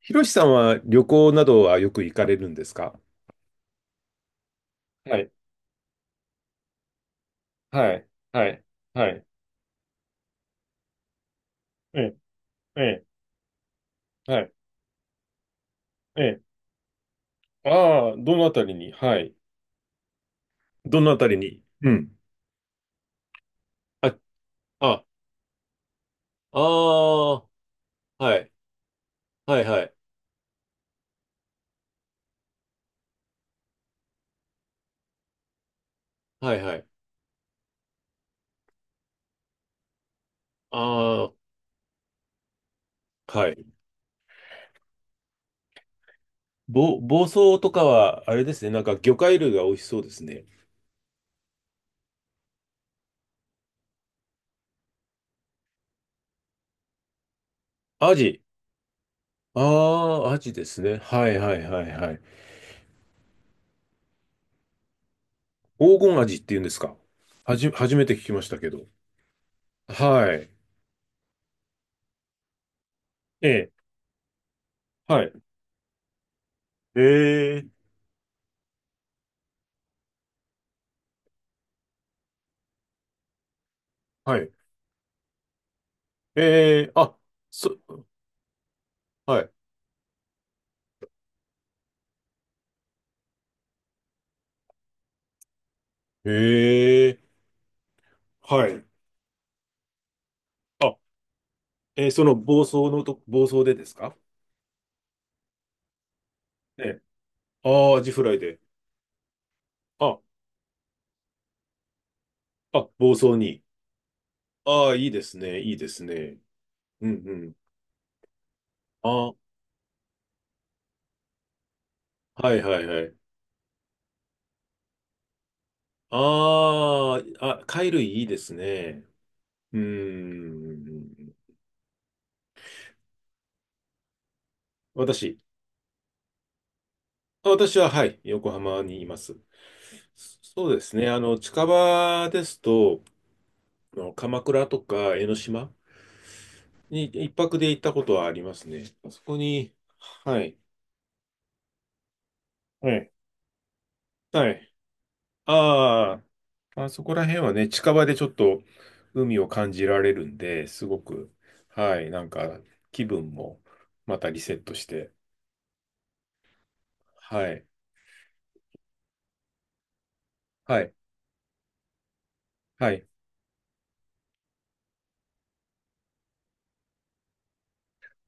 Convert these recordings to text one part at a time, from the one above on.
ひろしさんは旅行などはよく行かれるんですか？はい、はい、はい、はい、ええ、ええ、はい、ええ。ああ、どのあたりに。はい。どのあたりに。うん。あ、あ、ああ、はい、はい、はい、はい、はい。ああ、はい。房総とかは、あれですね、なんか魚介類が美味しそうですね。アジ。ああ、アジですね。はい、はい、はい、はい。黄金アジって言うんですか？初めて聞きましたけど。はい。ええ。はい。ええ。はい。ええ。あ、そ、はい。ええ。はい。あ、暴走でですか？ええ。ああ、アジフライで。あ、あ、暴走に。ああ、いいですね、いいですね。うんうん。ああ、はいはいはい。ああ、あ、貝類いいですね。うーん。私、はい、横浜にいます。そうですね。近場ですと、鎌倉とか江ノ島に一泊で行ったことはありますね。あそこに、はい。はい。はい。ああ、まあそこら辺はね、近場でちょっと海を感じられるんで、すごく、はい、なんか気分もまたリセットして、はい、はい、はい。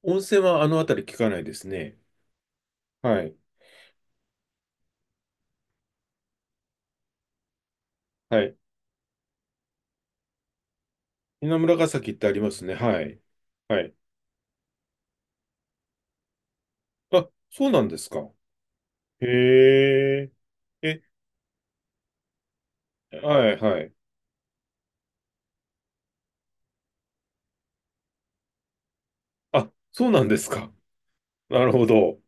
温泉はあの辺り聞かないですね。はい、はい。稲村ヶ崎ってありますね。はい、はい。あ、そうなんですか。へえ、え、はい、はい。あ、そうなんですか。なるほど。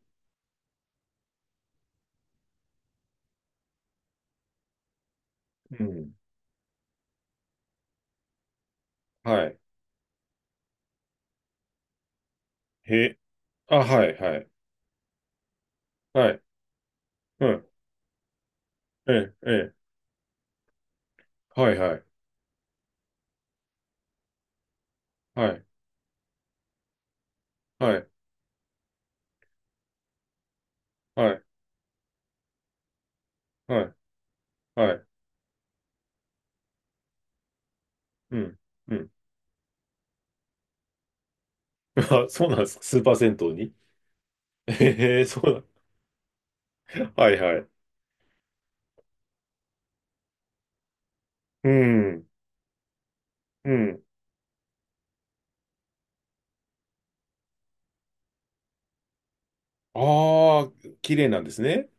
うん。はい。へ、あ、はい、はい、はい、うん、ええ、ええ、はい、はい、はい、はい、はい、はい、はい、うん、うん。あ、そうなんですか、スーパー銭湯に？ へえ、そうなん。 はい、はい。うん、うん。ああ、綺麗なんですね。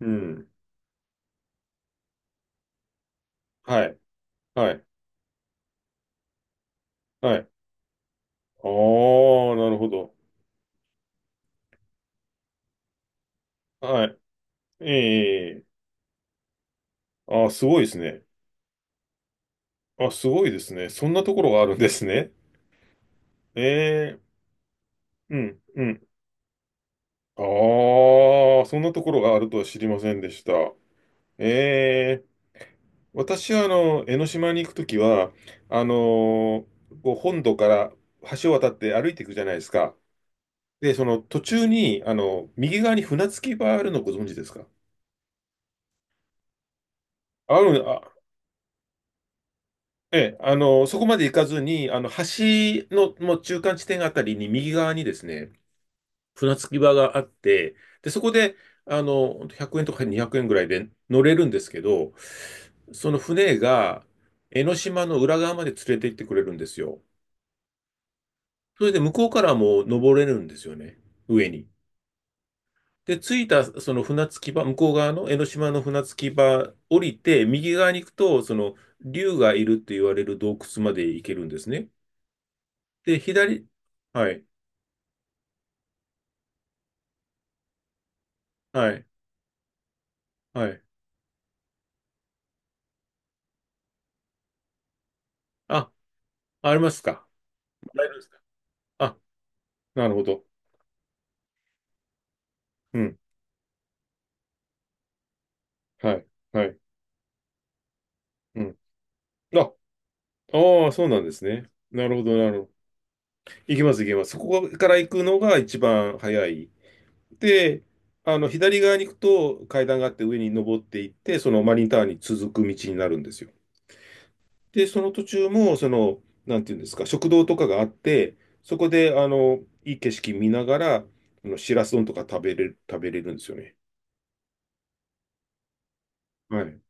うん、はい、はい、はい。ああ、なるほど。はい、ええ、ああ、すごいですね。あ、すごいですね。そんなところがあるんですね。ええ、うん、うん。ああ、そんなところがあるとは知りませんでした。ええ、私は江ノ島に行くときは、あのーこう本土から橋を渡って歩いていくじゃないですか。で、その途中に、右側に船着き場あるのご存知ですか？ある、あ、ええ、そこまで行かずに、橋のもう中間地点あたりに右側にですね、船着き場があって、で、そこで、ほんと100円とか200円ぐらいで乗れるんですけど、その船が江ノ島の裏側まで連れて行ってくれるんですよ。それで向こうからも登れるんですよね、上に。で、着いたその船着き場、向こう側の江ノ島の船着き場降りて、右側に行くと、その竜がいるって言われる洞窟まで行けるんですね。で、左、はい、はい、はい。あ、ありますか。大丈夫ですか。あ、なるほど。うん。はい、はい。うん。あ、ああ、そうなんですね。なるほど、なるほど。行きます、行きます。そこから行くのが一番早い。で、左側に行くと階段があって上に登っていって、そのマリンタワーに続く道になるんですよ。で、その途中も、なんていうんですか、食堂とかがあって、そこで、いい景色見ながら、しらす丼とか食べれるんですよね。はい。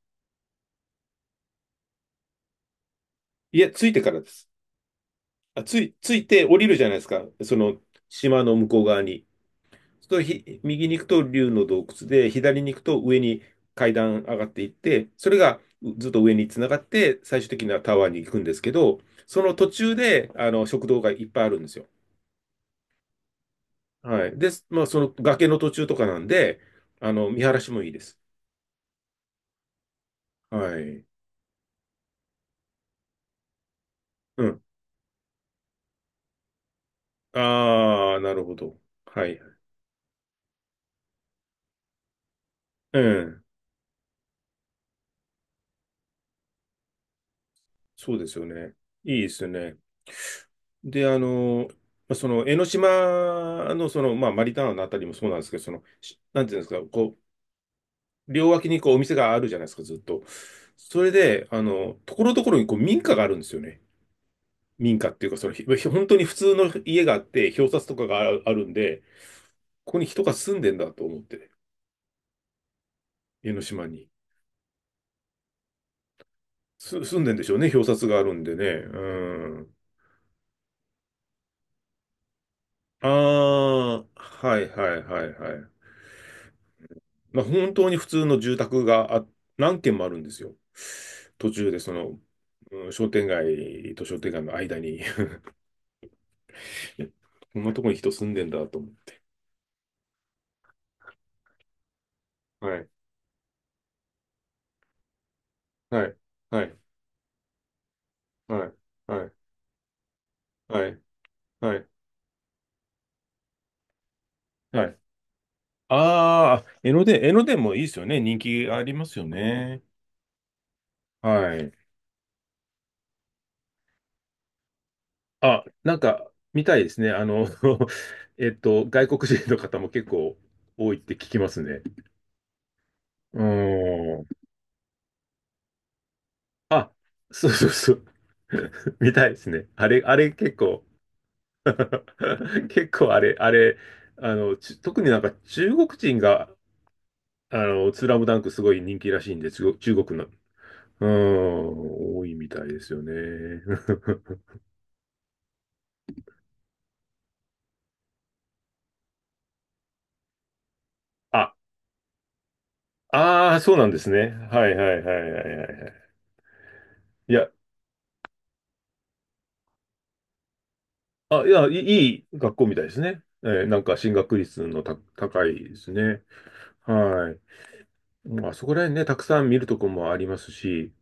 いや、着いてからです。あ、着いて降りるじゃないですか。その、島の向こう側に。そうすると右に行くと竜の洞窟で、左に行くと上に階段上がっていって、それがずっと上につながって、最終的にはタワーに行くんですけど、その途中で、食堂がいっぱいあるんですよ。はい。で、まあ、その崖の途中とかなんで、見晴らしもいいです。はい。うん。ああ、なるほど。はい。うん。そうですよね。いいですよね。で、まあその江ノ島の、まあ、マリターナのあたりもそうなんですけど、なんていうんですか、こう、両脇にこうお店があるじゃないですか、ずっと。それで、ところどころにこう民家があるんですよね。民家っていうか、本当に普通の家があって、表札とかがああるんで、ここに人が住んでんだと思って、江ノ島に。住んでんでしょうね、表札があるんでね。うん。ああ、はいはいはいはい。まあ、本当に普通の住宅が何軒もあるんですよ。途中で商店街と商店街の間に こんなとこに人住んでんだと思う。はい。はい、はい、はい、はい、はい、はい、はい。ああ、江ノ電もいいですよね。人気ありますよね。はい。あ、なんか、見たいですね。外国人の方も結構多いって聞きますね。うーん。あ、そうそうそう。見たいですね。あれ結構 結構あれ、あれ、あの、ち特になんか中国人が、スラムダンクすごい人気らしいんで、中国のうん、多いみたいですよね。あ、ああ、そうなんですね。はいはいはいはいはいはい。いや、あ、いや、いいいい学校みたいですね。なんか進学率の高いですね。はい。まあそこら辺ね、たくさん見るとこもありますし、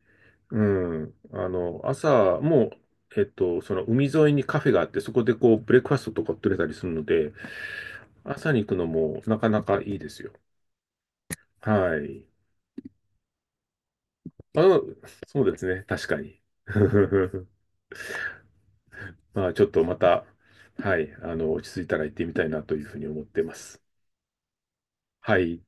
うん。朝も、その海沿いにカフェがあって、そこでこう、ブレックファストとか取れたりするので、朝に行くのもなかなかいいですよ。はい。あの、そうですね。確かに。まあ、ちょっとまた、はい、落ち着いたら行ってみたいなというふうに思ってます。はい。